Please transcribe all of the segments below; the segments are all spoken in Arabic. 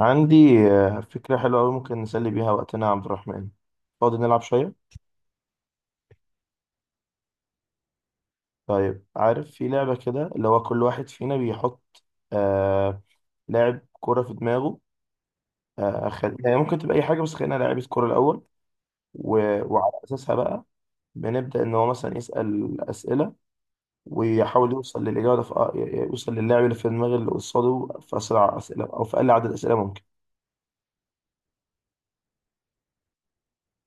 عندي فكرة حلوة أوي ممكن نسلي بيها وقتنا يا عبد الرحمن. فاضي نلعب شوية؟ طيب، عارف في لعبة كده اللي هو كل واحد فينا بيحط آه لاعب كرة في دماغه. يعني ممكن تبقى أي حاجة، بس خلينا لاعيبة كرة الأول و... وعلى أساسها بقى بنبدأ إن هو مثلا يسأل أسئلة ويحاول يوصل للإجابة في... آه، يوصل للاعب اللي في دماغ اللي قصاده في أسرع أسئلة أو في أقل عدد أسئلة ممكن.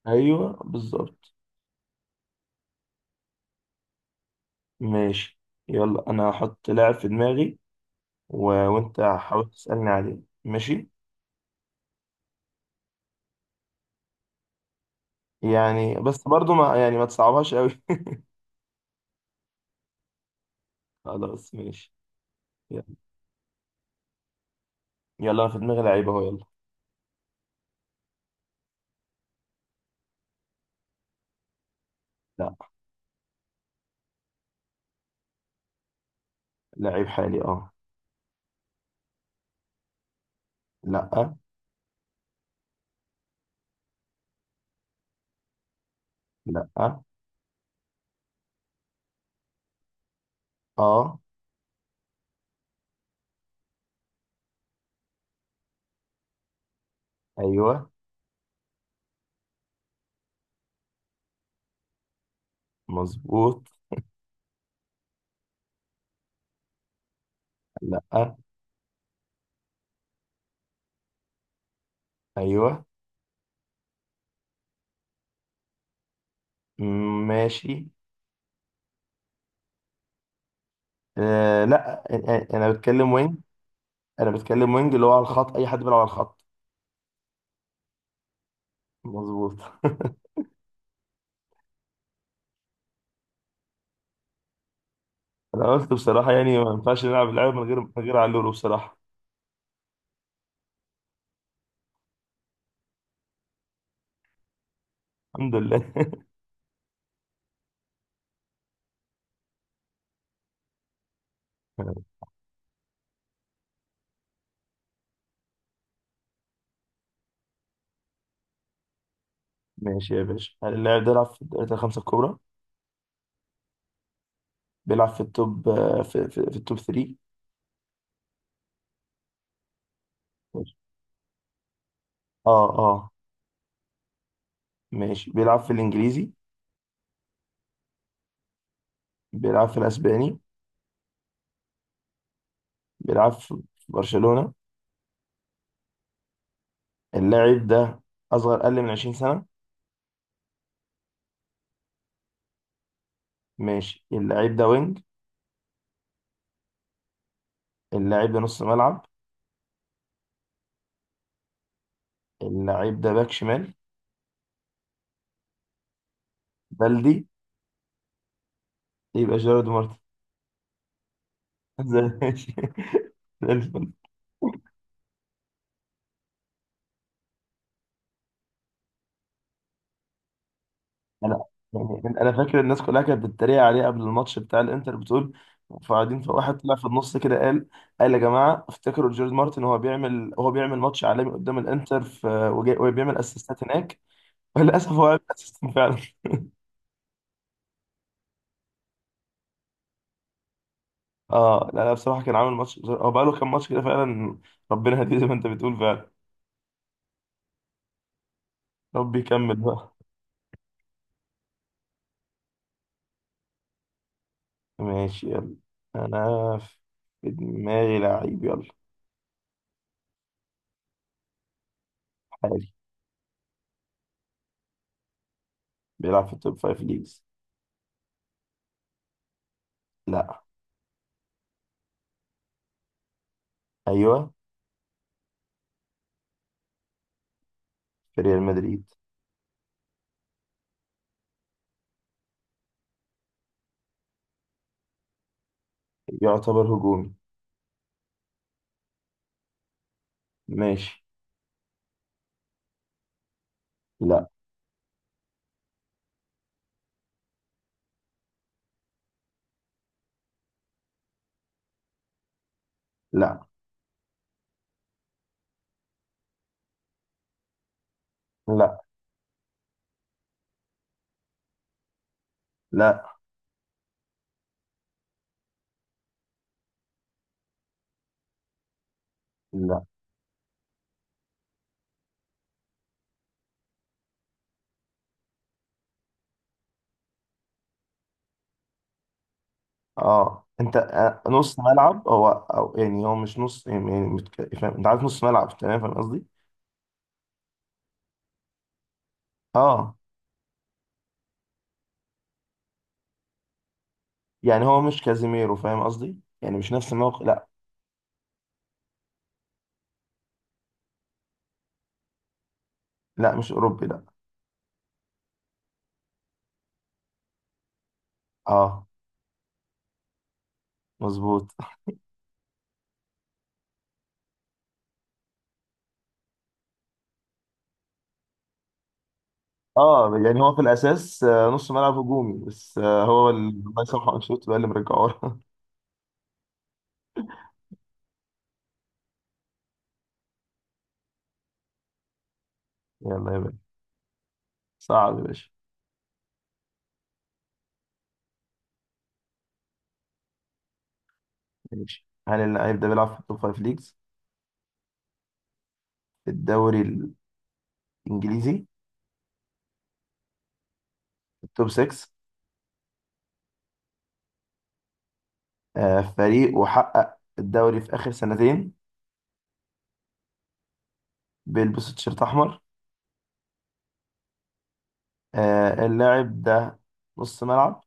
أيوه، بالظبط. ماشي. يلا، أنا هحط لاعب في دماغي وانت حاول تسألني عليه. ماشي. يعني بس برضو ما تصعبهاش قوي. خلاص، ماشي. يلا. يلا، انا في دماغي لعيب اهو. يلا. لا. لعيب حالي، اه. لا. لا. اه. ايوه، مظبوط. لا. ايوه. ماشي. آه، لا. انا بتكلم وينج. انا بتكلم وينج اللي هو على الخط، اي حد بيلعب على الخط. مظبوط. انا قلت بصراحه، يعني ما ينفعش نلعب اللعبه من غير علولو بصراحه. الحمد لله. ماشي يا باشا. هل اللاعب ده يلعب في الدوريات الخمسة الكبرى؟ بيلعب في التوب آه، في, في, في التوب 3. ماشي. اه، اه. ماشي، بيلعب في الانجليزي. بيلعب في الاسباني. بيلعب في برشلونة. اللاعب ده اصغر، اقل من 20 سنة. ماشي. اللاعب ده وينج؟ اللاعب ده نص ملعب؟ اللاعب ده باك شمال؟ بلدي؟ يبقى جيرارد مارتن. زي- ماشي. انا يعني انا فاكر الناس كلها كانت بتتريق عليه قبل الماتش بتاع الانتر، بتقول، فقاعدين فواحد طلع في النص كده قال، يا جماعه افتكروا جيرد مارتن وهو بيعمل، هو بيعمل ماتش عالمي قدام الانتر وبيعمل اسيستات هناك. وللاسف هو عامل اسيستات فعلا. اه، لا، لا، بصراحه كان عامل ماتش. هو بقى له كام ماتش كده فعلا. ربنا هديه زي ما انت بتقول فعلا. ربي يكمل بقى. ماشي. يلا، انا في دماغي لعيب. يلا. حالي. بيلعب في التوب فايف ليجز. لا. ايوه. في ريال مدريد. يعتبر هجومي. ماشي. لا. لا. لا. لا. لا. اه، انت نص ملعب، هو او يعني هو مش نص، يعني فاهم؟ انت عارف نص ملعب، تمام، فاهم قصدي؟ اه، يعني هو مش كازيميرو، فاهم قصدي؟ يعني مش نفس الموقع. لا. لا، مش اوروبي. لا. اه، مظبوط. اه، يعني هو في الاساس نص ملعب هجومي، بس الله يسامحه انشيلوتي بقى اللي مرجعه لنا. يلا يا باشا. صعب يا باشا. ماشي. هل اللعيب ده بيلعب في التوب فايف ليجز؟ في الدوري الانجليزي؟ توب 6؟ فريق وحقق الدوري في آخر سنتين. بيلبس تيشيرت أحمر. اللاعب ده نص ملعب.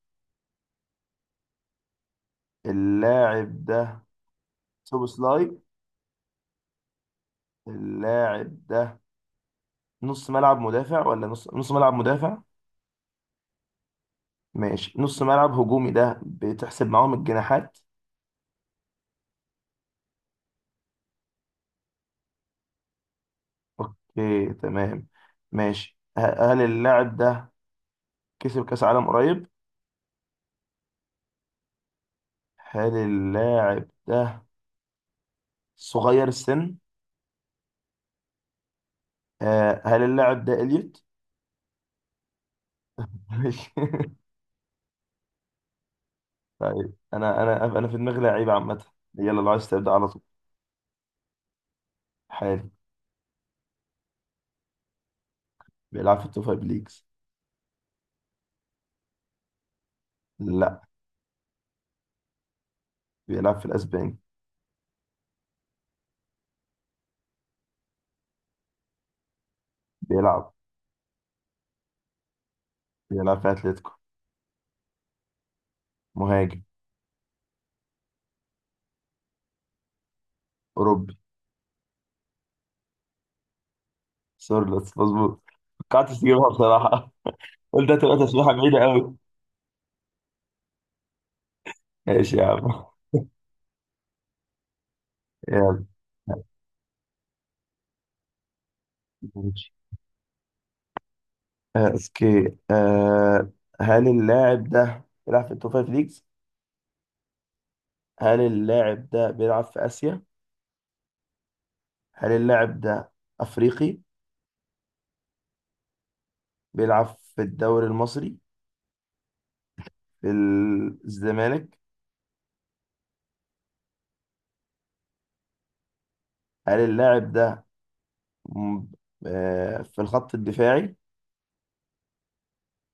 اللاعب ده سوبوسلاي؟ اللاعب ده نص ملعب مدافع ولا نص ملعب مدافع؟ ماشي. نص ملعب هجومي، ده بتحسب معاهم الجناحات؟ اوكي، تمام. ماشي. هل اللاعب ده كسب كأس عالم قريب؟ هل اللاعب ده صغير السن؟ هل اللاعب ده إليوت؟ طيب، انا في دماغي لعيب عامه. يلا لو عايز تبدا على طول. حالي. بيلعب في التوب فايف ليجز. لا. بيلعب في الاسباني. بيلعب بيلعب في اتلتيكو. مهاجم. اوروبي. سورلوس مظبوط. قعدت تجيبها بصراحه. قلت هتبقى تسبيحه بعيده قوي. ماشي يا عم. يلا. ماشي. اوكي. هل اللاعب ده بيلعب في التوب فايف ليجز؟ هل اللاعب ده بيلعب في اسيا؟ هل اللاعب ده افريقي؟ بيلعب في الدوري المصري. في الزمالك. هل اللاعب ده م- في الخط الدفاعي؟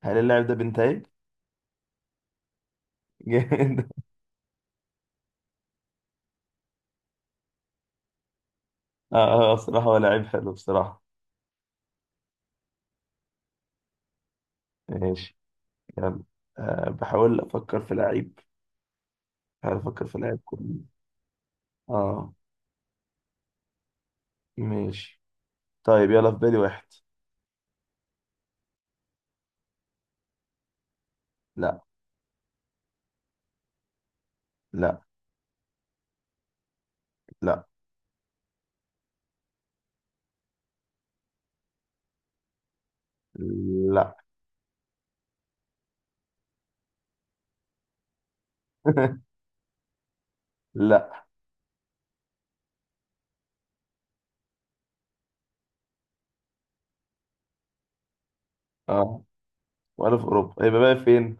هل اللاعب ده بنتايج؟ جامد. اه. بصراحة هو لعيب حلو بصراحة. ماشي. يلا. بحاول أفكر في لعيب. بحاول أفكر في لعيب كويس. اه. ماشي. طيب يلا، في بالي واحد. لا. لا. لا. لا. لا. اه. ولا في أوروبا؟ يبقى بقى فين؟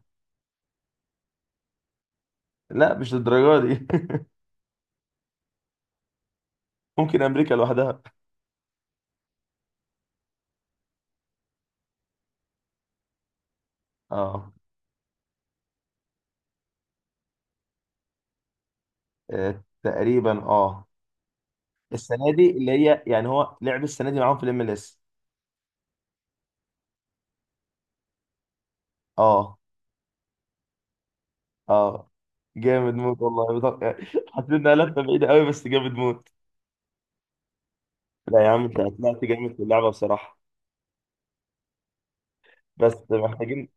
لا، مش للدرجة دي. ممكن أمريكا لوحدها. اه. تقريبا، اه. السنه دي اللي هي يعني هو لعب السنه دي معاهم في الـ MLS. اه. اه. جامد موت والله، حسيت انها لفه بعيده قوي، بس جامد موت. لا يا عم، انت طلعت جامد في اللعبه بصراحه. بس محتاجين.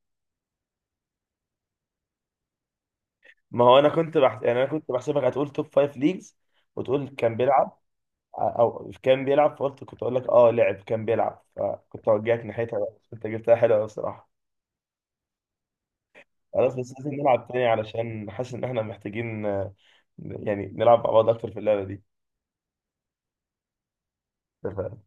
ما هو انا يعني انا كنت بحسبك هتقول توب فايف ليجز وتقول كان بيلعب، او كان بيلعب. فقلت كنت اقول لك اه لعب كان بيلعب، فكنت اوجهك ناحيتها بقى. بس انت جبتها حلوه قوي بصراحه. خلاص، بس لازم نلعب تاني علشان حاسس ان احنا محتاجين، يعني نلعب مع بعض اكتر في اللعبه دي